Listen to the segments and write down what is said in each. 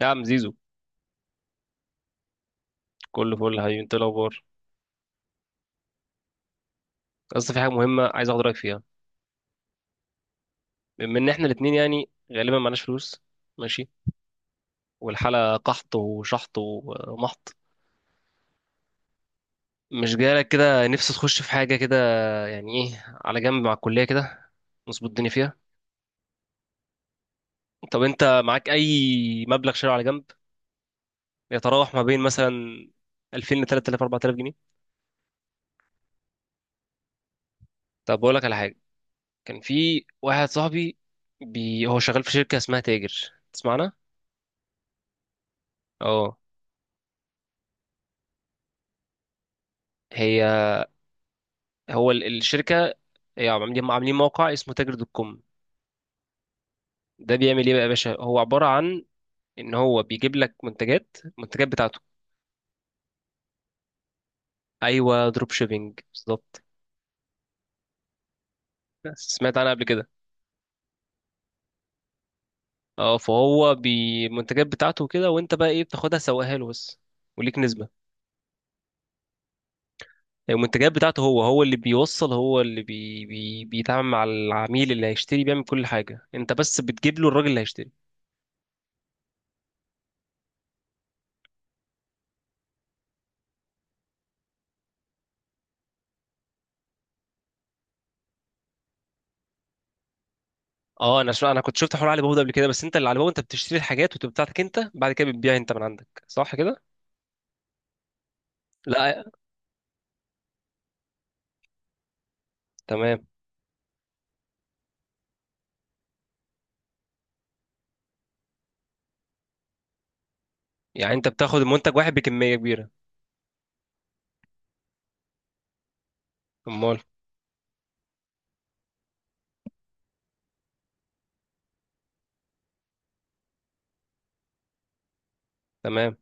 يا عم زيزو، كله فل يا حبيبي. انت إيه الاخبار؟ اصل في حاجه مهمه عايز اخد رايك فيها. بما ان احنا الاثنين يعني غالبا معناش فلوس، ماشي، والحاله قحط وشحط ومحط. مش جايلك كده نفسي تخش في حاجه كده، يعني ايه على جنب مع الكليه كده، نظبط الدنيا فيها؟ طب انت معاك اي مبلغ شهري على جنب، يتراوح ما بين مثلا 2000 ل 3000، 4000 جنيه؟ طب بقول لك على حاجه. كان في واحد صاحبي هو شغال في شركه اسمها تاجر، تسمعنا؟ اه. هي هو الشركه هي عاملين موقع اسمه تاجر دوت كوم. ده بيعمل ايه بقى يا باشا؟ هو عباره عن ان هو بيجيب لك منتجات، المنتجات بتاعته. ايوه، دروب شيبينج بالظبط. سمعت عنها قبل كده. اه، فهو بالمنتجات بتاعته كده، وانت بقى ايه؟ بتاخدها سواها له بس، وليك نسبه. المنتجات بتاعته، هو هو اللي بيوصل، هو اللي بي بي بيتعامل مع العميل اللي هيشتري، بيعمل كل حاجه. انت بس بتجيب له الراجل اللي هيشتري. اه، انا كنت شفت حوار علي بابا ده قبل كده، بس انت اللي علي بابا انت بتشتري الحاجات وتبقى بتاعتك انت، بعد كده بتبيع انت من عندك، صح كده؟ لا، تمام. يعني انت بتاخد المنتج واحد بكميه كبيره؟ امال. تمام،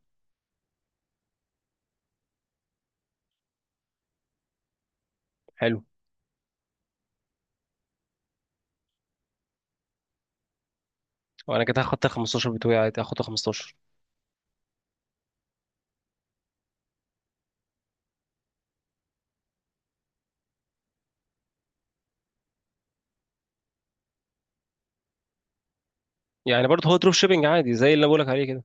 حلو، وانا كده هاخد 15 بتوعي، عادي هاخد 15. يعني برضه هو دروب شيبنج عادي زي اللي بقولك عليه كده.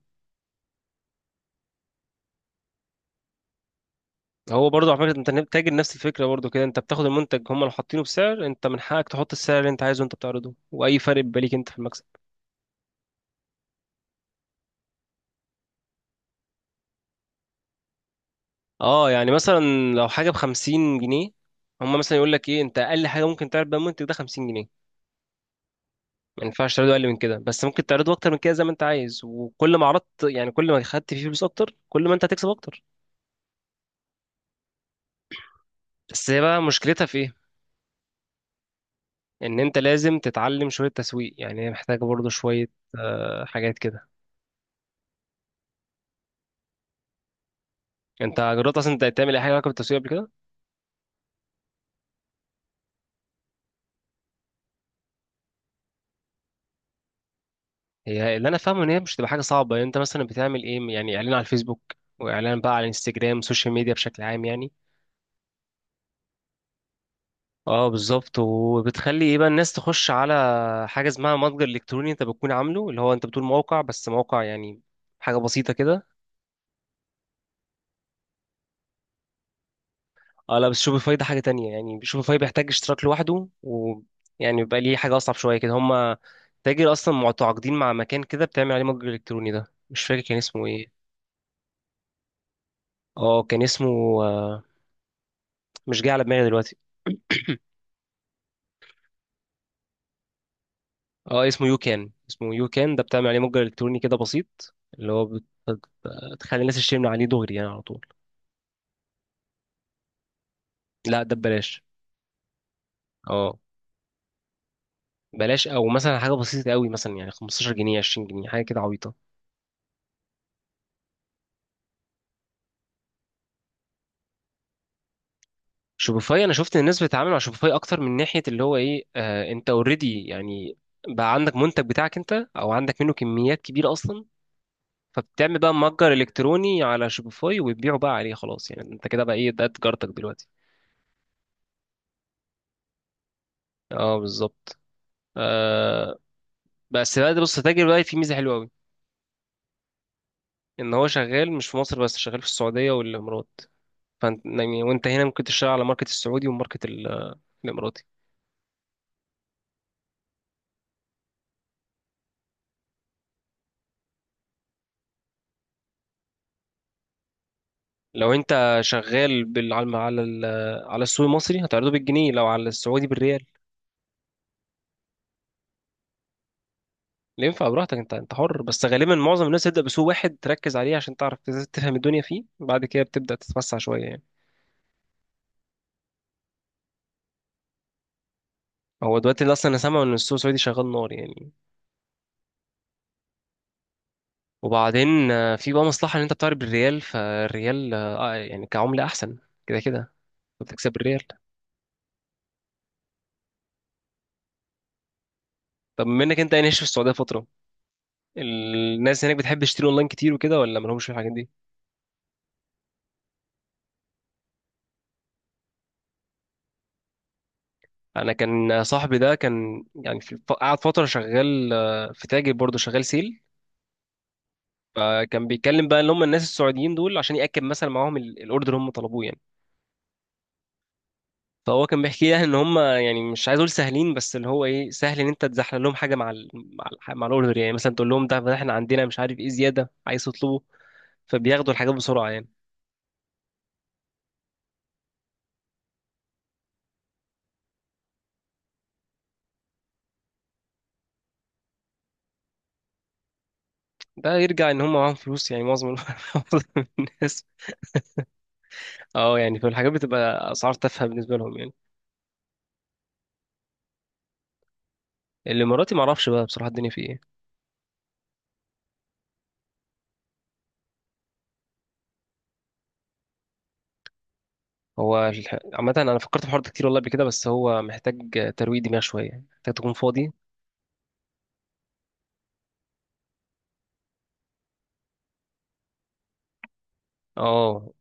هو برضه على فكره انت تاجر، نفس الفكره برضه كده. انت بتاخد المنتج، هم اللي حاطينه بسعر، انت من حقك تحط السعر اللي انت عايزه. انت بتعرضه، واي فرق بيبقى ليك انت في المكسب. اه يعني مثلا، لو حاجه ب 50 جنيه، هم مثلا يقول لك ايه، انت اقل حاجه ممكن تعرض بيها المنتج ده 50 جنيه. ما ينفعش تعرضه اقل من كده، بس ممكن تعرضه اكتر من كده زي ما انت عايز. وكل ما عرضت، يعني كل ما خدت فيه فلوس اكتر، كل ما انت هتكسب اكتر. بس هي بقى مشكلتها في ايه؟ ان انت لازم تتعلم شويه تسويق، يعني هي محتاجه برضه شويه حاجات كده. انت جربت اصلا انت تعمل اي حاجه علاقه بالتسويق قبل كده؟ هي اللي انا فاهمه ان هي مش تبقى حاجه صعبه. يعني انت مثلا بتعمل ايه؟ يعني اعلان على الفيسبوك، واعلان بقى على الانستجرام، سوشيال ميديا بشكل عام يعني. اه بالظبط. وبتخلي ايه بقى الناس تخش على حاجه اسمها متجر الكتروني، انت بتكون عامله، اللي هو انت بتقول موقع، بس موقع يعني حاجه بسيطه كده. اه لا، بس شوبيفاي ده حاجه تانية. يعني شوبيفاي بيحتاج اشتراك لوحده، ويعني بيبقى ليه حاجه اصعب شويه كده. هما تاجر اصلا متعاقدين مع مكان كده بتعمل عليه متجر الكتروني، ده مش فاكر كان اسمه ايه. اه كان اسمه، آه، مش جاي على دماغي دلوقتي. اه، اسمه يو كان، اسمه يو كان. ده بتعمل عليه متجر الكتروني كده بسيط، اللي هو بتخلي الناس تشتري من عليه دغري يعني على طول. لا ده ببلاش. اه بلاش، او مثلا حاجه بسيطه قوي مثلا يعني 15 جنيه، 20 جنيه، حاجه كده عبيطه. شوبيفاي، انا شفت ان الناس بتتعامل مع شوبيفاي اكتر من ناحيه اللي هو ايه، آه انت اوريدي يعني بقى عندك منتج بتاعك انت، او عندك منه كميات كبيره اصلا. فبتعمل بقى متجر الكتروني على شوبيفاي وتبيعه بقى عليه خلاص، يعني انت كده بقى ايه، ده تجارتك دلوقتي. اه بالظبط. آه. بس بقى ده بص، تاجر بقى في ميزه حلوه قوي. ان هو شغال مش في مصر بس، شغال في السعوديه والامارات. فانت يعني وانت هنا ممكن تشتغل على ماركت السعودي وماركت الاماراتي. لو انت شغال بال... على الم- على ال- على السوق المصري هتعرضه بالجنيه، لو على السعودي بالريال. اللي ينفع براحتك انت، انت حر. بس غالبا معظم الناس تبدا بسوق واحد تركز عليه عشان تعرف تفهم الدنيا فيه، بعد كده بتبدا تتوسع شويه يعني. هو دلوقتي اللي اصلا انا سامع ان السوق السعودي شغال نار يعني. وبعدين في بقى مصلحه ان انت بتعرض بالريال. فالريال يعني كعمله احسن كده كده، بتكسب الريال. طب منك انت، يعني عايش في السعوديه فتره، الناس هناك بتحب تشتري اونلاين كتير وكده، ولا مالهمش في الحاجات دي؟ انا كان صاحبي ده كان يعني قعد فتره شغال في تاجر برضه شغال سيل. فكان بيتكلم بقى ان هم الناس السعوديين دول عشان ياكد مثلا معاهم الاوردر اللي هم طلبوه يعني. فهو كان بيحكي يعني ان هم، يعني مش عايز اقول سهلين بس اللي هو ايه، سهل ان انت تزحلق لهم حاجه مع الاوردر، يعني مثلا تقول لهم ده احنا عندنا مش عارف ايه زياده عايز تطلبه، فبياخدوا الحاجات بسرعه يعني. ده يرجع ان هم معاهم فلوس يعني معظم معظم الناس. اه يعني، فالحاجات بتبقى اسعار تافهه بالنسبه لهم يعني. الاماراتي معرفش بقى بصراحه الدنيا فيه ايه. هو عامة أنا فكرت في الحوار ده كتير والله قبل كده، بس هو محتاج ترويق دماغ شوية، محتاج تكون فاضي. اه.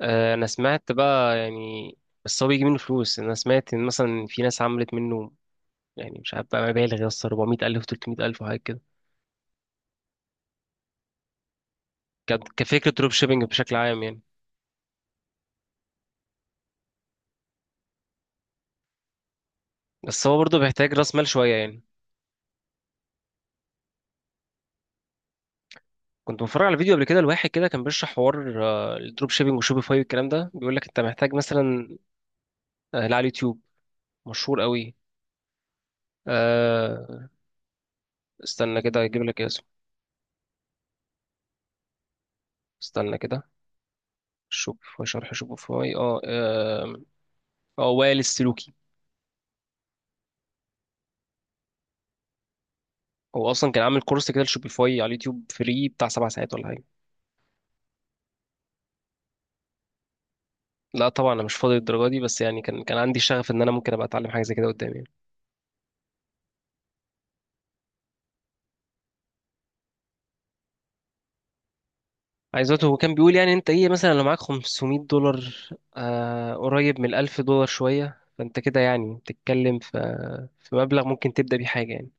أنا سمعت بقى يعني، بس هو بيجي منه فلوس. أنا سمعت إن مثلا في ناس عملت منه، يعني مش عارف بقى، مبالغ يا اسطى 400000، 300000 وحاجات كده. كفكرة، دروب شيبينج بشكل عام يعني. بس هو برضه بيحتاج رأس مال شوية يعني. كنت بتفرج على فيديو قبل كده لواحد كده كان بيشرح حوار الدروب شيبينج وشوبيفاي والكلام ده، بيقول لك أنت محتاج مثلا. لا، على اليوتيوب. مشهور قوي. آه، استنى كده أجيب لك. استنى كده. شوبيفاي، شرح شوبيفاي. اه، اه وائل السلوكي. هو اصلا كان عامل كورس كده لشوبيفاي على اليوتيوب فري بتاع 7 ساعات ولا حاجه. لا طبعا انا مش فاضي للدرجه دي، بس يعني كان عندي شغف ان انا ممكن ابقى اتعلم حاجه زي كده قدام يعني. عايز دلوقتي، هو كان بيقول يعني انت ايه مثلا، لو معاك 500 دولار آه قريب من 1000 دولار شويه، فانت كده يعني بتتكلم في مبلغ ممكن تبدا بيه حاجه يعني.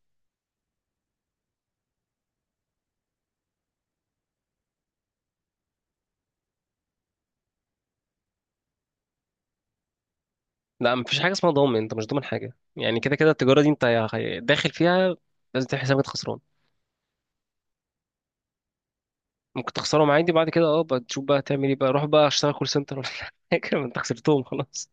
لا مفيش حاجه اسمها ضامن، انت مش ضامن حاجه. يعني كده كده التجاره دي انت داخل فيها، لازم تعمل حسابك خسران. ممكن تخسرهم عادي، بعد كده اه بقى تشوف بقى تعمل ايه بقى، روح بقى اشتغل كول سنتر ولا حاجه ما انت خسرتهم خلاص.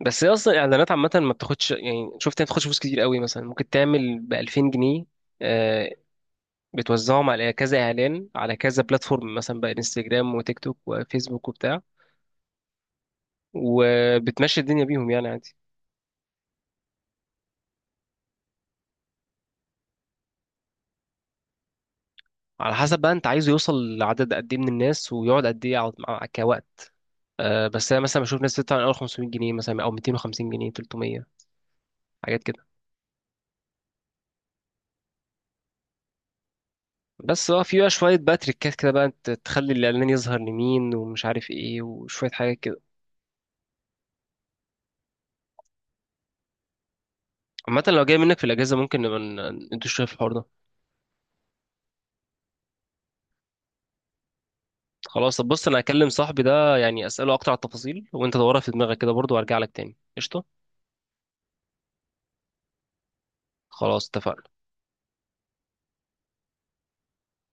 بس هي اصلا الاعلانات عامه ما بتاخدش يعني، شفت هي بتاخدش فلوس كتير قوي. مثلا ممكن تعمل ب 2000 جنيه، آه، بتوزعهم على كذا اعلان على كذا بلاتفورم مثلا بقى، انستجرام وتيك توك وفيسبوك وبتاع، وبتمشي الدنيا بيهم يعني عادي. على حسب بقى انت عايزه يوصل لعدد قد ايه من الناس، ويقعد قد ايه يقعد كوقت. بس انا مثلا بشوف ناس بتدفع من اول 500 جنيه، مثلا او 250 جنيه، 300 حاجات كده. بس اه في بقى شوية بقى تريكات كده بقى، انت تخلي الإعلان يظهر لمين ومش عارف ايه وشوية حاجات كده. عامة لو جاي منك في الأجازة، ممكن نبقى ندوس شوية في الحوار ده. خلاص، طب بص أنا هكلم صاحبي ده يعني أسأله أكتر على التفاصيل، وأنت دورها في دماغك كده برضه، وأرجع لك تاني. قشطة. خلاص اتفقنا.